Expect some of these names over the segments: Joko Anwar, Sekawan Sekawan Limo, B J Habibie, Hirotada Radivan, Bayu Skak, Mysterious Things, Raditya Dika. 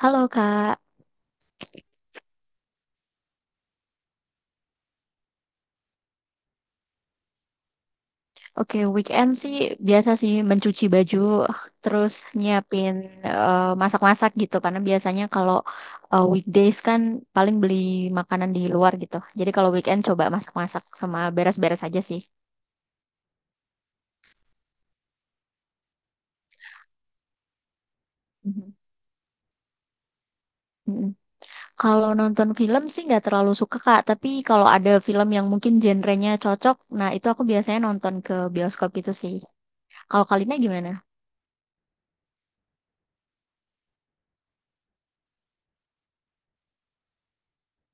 Halo Kak, oke weekend sih biasa sih mencuci baju terus nyiapin masak-masak gitu karena biasanya kalau weekdays kan paling beli makanan di luar gitu. Jadi kalau weekend coba masak-masak sama beres-beres aja sih. Mhm. Mhm. Kalau nonton film sih nggak terlalu suka Kak, tapi kalau ada film yang mungkin genrenya cocok, nah itu aku biasanya nonton ke bioskop gitu sih. Kalau Kalina gimana?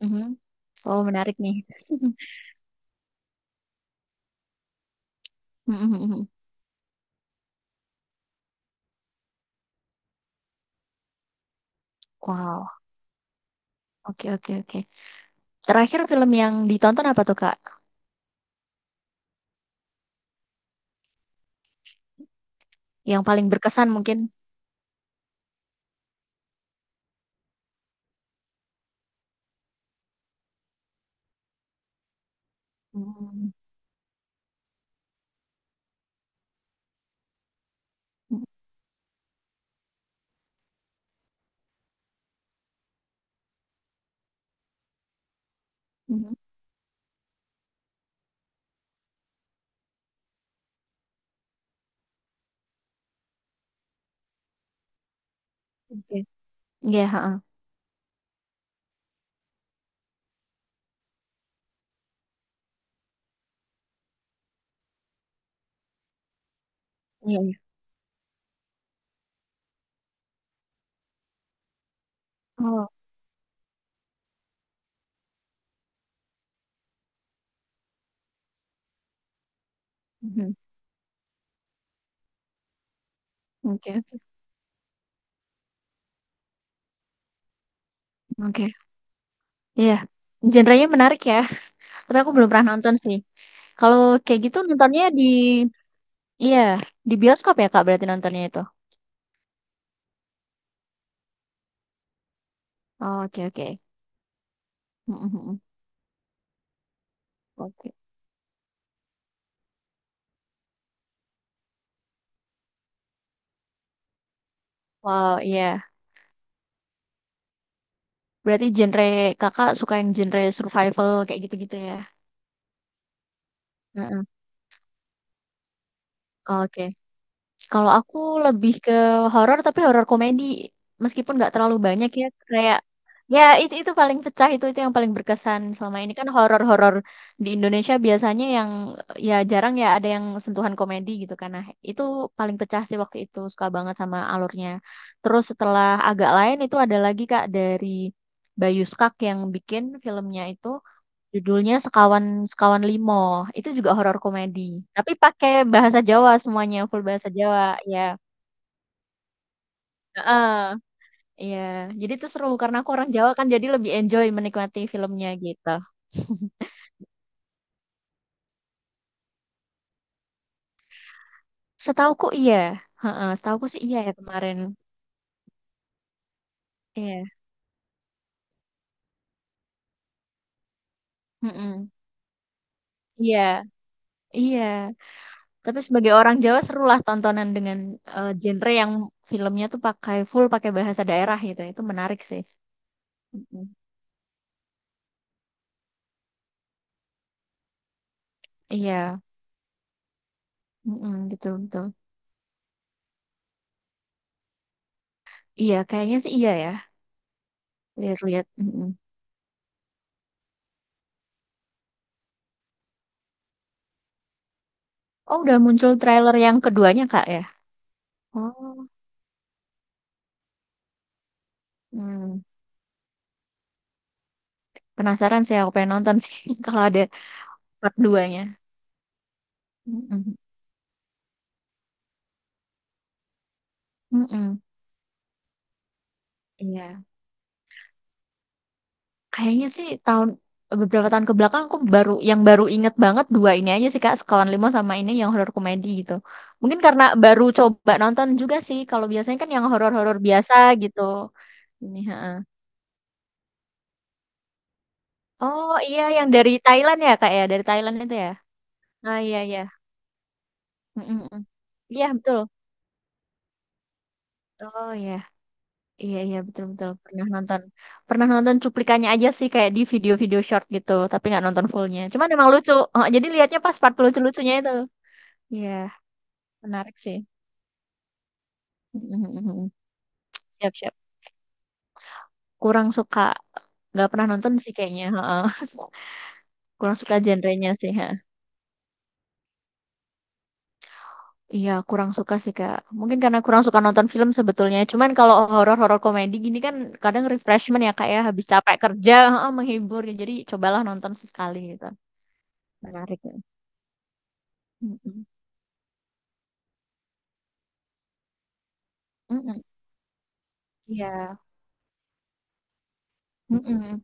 Mhm. Oh menarik nih. Mhm. Wow, oke oke oke. Terakhir film yang ditonton apa tuh Kak? Yang paling berkesan mungkin? Hmm. Mhm. Oke. Iya, heeh. Iya iya. Oh, mhm. Oke oke. Oke. Iya. Genrenya menarik ya, tapi aku belum pernah nonton sih. Kalau kayak gitu nontonnya di iya, di bioskop ya Kak berarti nontonnya itu? Oh, oke oke. Mhm mhm. Oke. Wow, iya. Berarti genre Kakak suka yang genre survival kayak gitu-gitu ya? Heeh. Oke. Kalau aku lebih ke horor tapi horor komedi. Meskipun nggak terlalu banyak ya kayak ya itu paling pecah itu yang paling berkesan selama ini kan horor-horor di Indonesia biasanya yang ya jarang ya ada yang sentuhan komedi gitu kan. Nah, itu paling pecah sih waktu itu suka banget sama alurnya. Terus setelah agak lain itu ada lagi Kak dari Bayu Skak yang bikin filmnya itu judulnya Sekawan Sekawan Limo. Itu juga horor komedi, tapi pakai bahasa Jawa semuanya, full bahasa Jawa, ya heeh, iya. Jadi itu seru karena aku orang Jawa kan jadi lebih enjoy menikmati filmnya gitu. Setahuku iya, heeh, setahuku sih iya ya kemarin. Iya, mhm. Iya, iya. Tapi sebagai orang Jawa serulah tontonan dengan genre yang filmnya tuh pakai full pakai bahasa daerah gitu. Itu menarik sih. Mhm. Iya, mhm, gitu betul. Iya, kayaknya sih iya ya. Lihat-lihat, mhm. Oh, udah muncul trailer yang keduanya, Kak, ya? Oh, hmm, penasaran sih aku pengen nonton sih kalau ada part 2-nya. Mhm mhm, iya. Kayaknya sih tahun beberapa tahun ke belakang aku baru yang baru inget banget 2 ini aja sih, Kak, Sekawan lima sama ini yang horor komedi gitu. Mungkin karena baru coba nonton juga sih, kalau biasanya kan yang horor-horor biasa gitu. Ini heeh. Oh, iya yang dari Thailand ya, Kak, ya? Dari Thailand itu ya? Ah, iya iya. Mhm mhm. Iya, betul. Oh ya, iya iya betul betul pernah nonton cuplikannya aja sih kayak di video-video short gitu, tapi nggak nonton fullnya. Cuman emang lucu, oh, jadi lihatnya pas part lucu-lucunya itu. Iya, menarik sih. Mhm. Siap siap. Kurang suka, nggak pernah nonton sih kayaknya. Heeh. Kurang suka genrenya sih. Ha. Iya, kurang suka sih Kak. Mungkin karena kurang suka nonton film sebetulnya. Cuman kalau horor-horor komedi gini kan kadang refreshment ya Kak ya, habis capek kerja, heeh, menghibur. Jadi cobalah nonton sesekali gitu. Menarik. Ya. Mhm, mhm, iya, mhm,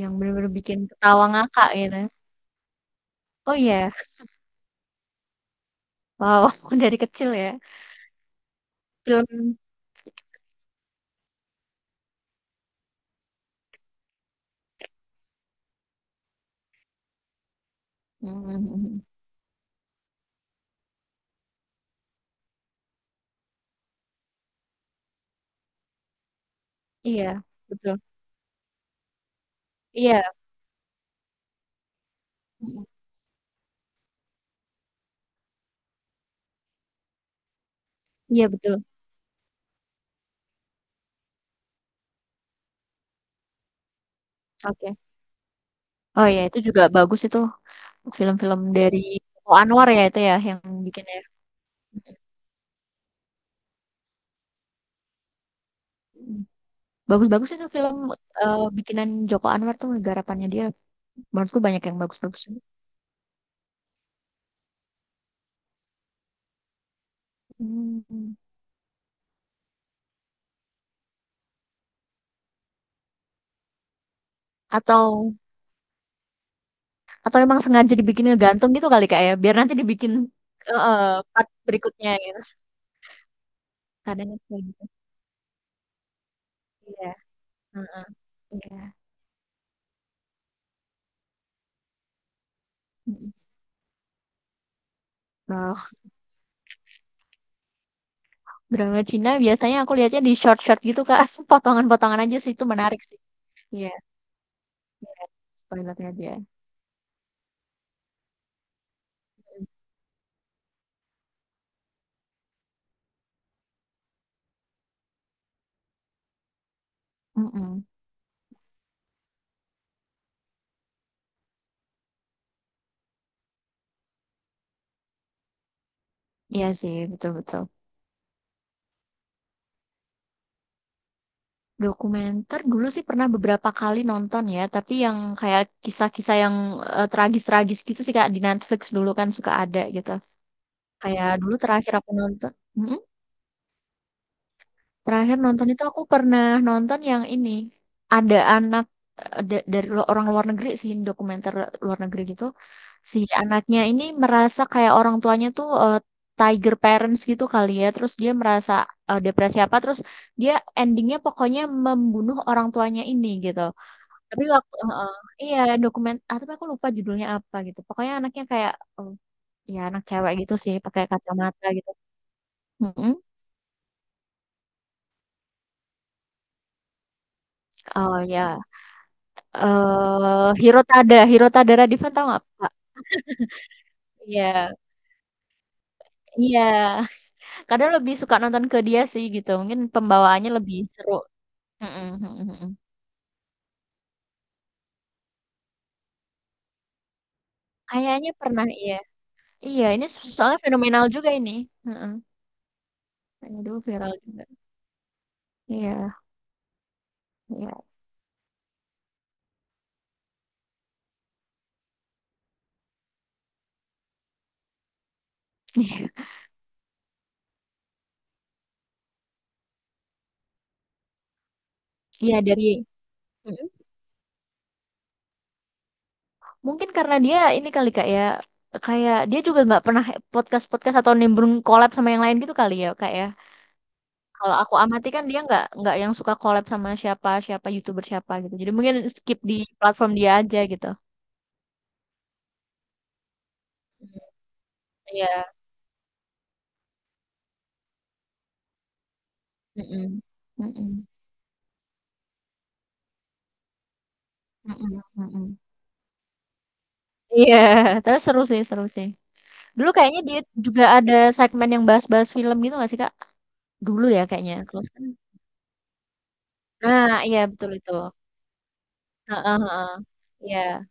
yang bener-bener bikin ketawa ngakak gitu. Oh iya? Wow, dari kecil ya, film mhm mhm, iya, betul. Iya, mhm, iya betul, oke. Oh iya, itu juga bagus itu film-film dari Joko Anwar ya itu ya yang bikin ya? Mhm, bagus-bagus itu film, bikinan Joko Anwar tuh garapannya dia, menurutku banyak yang bagus-bagus. Mhm, atau Atau emang sengaja dibikin ngegantung gitu kali Kak ya, biar nanti dibikin eh eh, part berikutnya gitu. Kadang kayak gitu sih ya. Heeh, iya. Mhm. Nah, drama Cina biasanya aku lihatnya di short-short gitu Kak, potongan-potongan aja sih, itu menarik sih. Iya, spoiler-nya aja. Mhm. Iya sih, betul betul. Dokumenter dulu sih pernah beberapa kali nonton ya, tapi yang kayak kisah-kisah yang, tragis-tragis gitu sih Kak, di Netflix dulu kan suka ada gitu. Kayak dulu terakhir aku nonton mhm? Terakhir nonton itu aku pernah nonton yang ini. Ada anak dari orang luar negeri sih, dokumenter luar negeri gitu. Si anaknya ini merasa kayak orang tuanya tuh tiger parents gitu kali ya. Terus dia merasa depresi apa. Terus dia endingnya pokoknya membunuh orang tuanya ini gitu. Tapi waktu iya tapi aku lupa judulnya apa gitu. Pokoknya anaknya kayak eh, ya anak cewek gitu sih, pakai kacamata gitu. Mm-mm. Oh ya. Hirotada Hirotada Radivan tahu nggak, Kak? Iya iya, kadang lebih suka nonton ke dia sih gitu, mungkin pembawaannya lebih seru. Mhm mhm mhm. Kayaknya pernah iya. Iya, ini so soalnya fenomenal juga ini. Heeh, kayaknya dulu viral juga. Iya iya. Iya dari mhm, mungkin karena dia ini kali, Kak, ya, kayak dia juga nggak pernah podcast-podcast atau nimbrung collab sama yang lain gitu kali ya, Kak, ya? Kalau aku amati kan dia nggak yang suka collab sama siapa siapa YouTuber siapa gitu. Jadi mungkin skip di platform dia aja gitu. Iya. Mhm. Mhm. Mhm mhm. Iya, tapi seru sih seru sih. Dulu kayaknya dia juga ada segmen yang bahas-bahas film gitu nggak sih, Kak? Dulu ya kayaknya. Kalau sekarang nah, iya betul itu. Heeh heeh. Iya.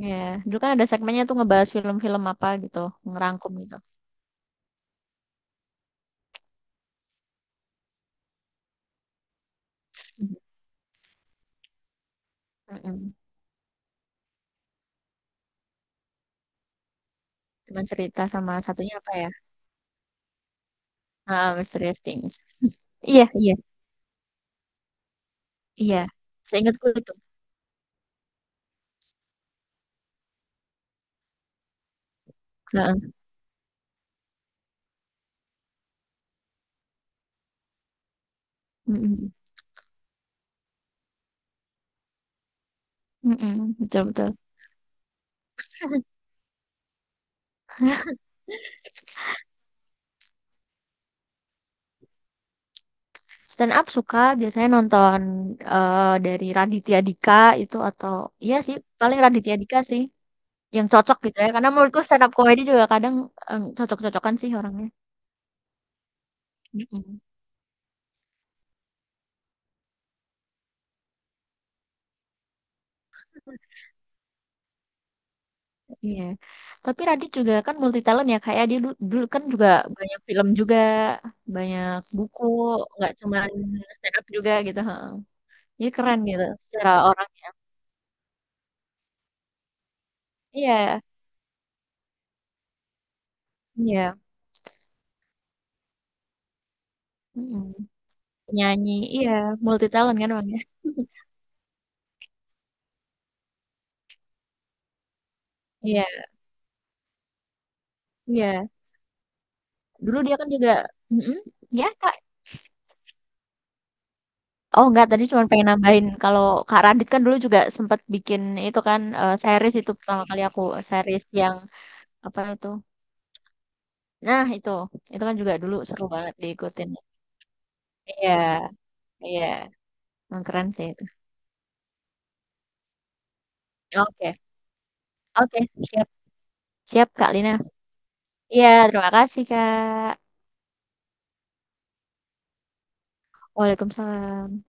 Iya. Dulu kan ada segmennya tuh ngebahas film-film apa gitu, ngerangkum gitu. Mhm. Mhm. Cuman cerita sama satunya apa ya? Ah Mysterious Things. Iya iya. Iya, seingatku itu. Heeh. Mm-mm. Mm-mm, betul betul. Stand up suka biasanya nonton dari Raditya Dika itu atau iya sih paling Raditya Dika sih yang cocok gitu ya. Karena menurutku stand up comedy juga kadang cocok-cocokan sih orangnya. Mm-mm. Iya. Tapi Radit juga kan multi talent ya kayak dia du- dulu kan juga banyak film juga, banyak buku, nggak cuma stand up juga gitu. Heeh. Jadi keren gitu secara orang. Iya, iya. Mm-mm. Nyanyi iya, multi talent kan orangnya. Iya, iya. Dulu dia kan juga mhm, ya, Kak. Oh, enggak, tadi cuma pengen nambahin kalau Kak Radit kan dulu juga sempat bikin itu kan, series itu pertama kali aku, series yang apa itu nah itu kan juga dulu seru banget diikutin. Iya, iya, emang keren sih itu. Oke, oke, siap siap Kak Lina. Iya, terima kasih Kak. Waalaikumsalam.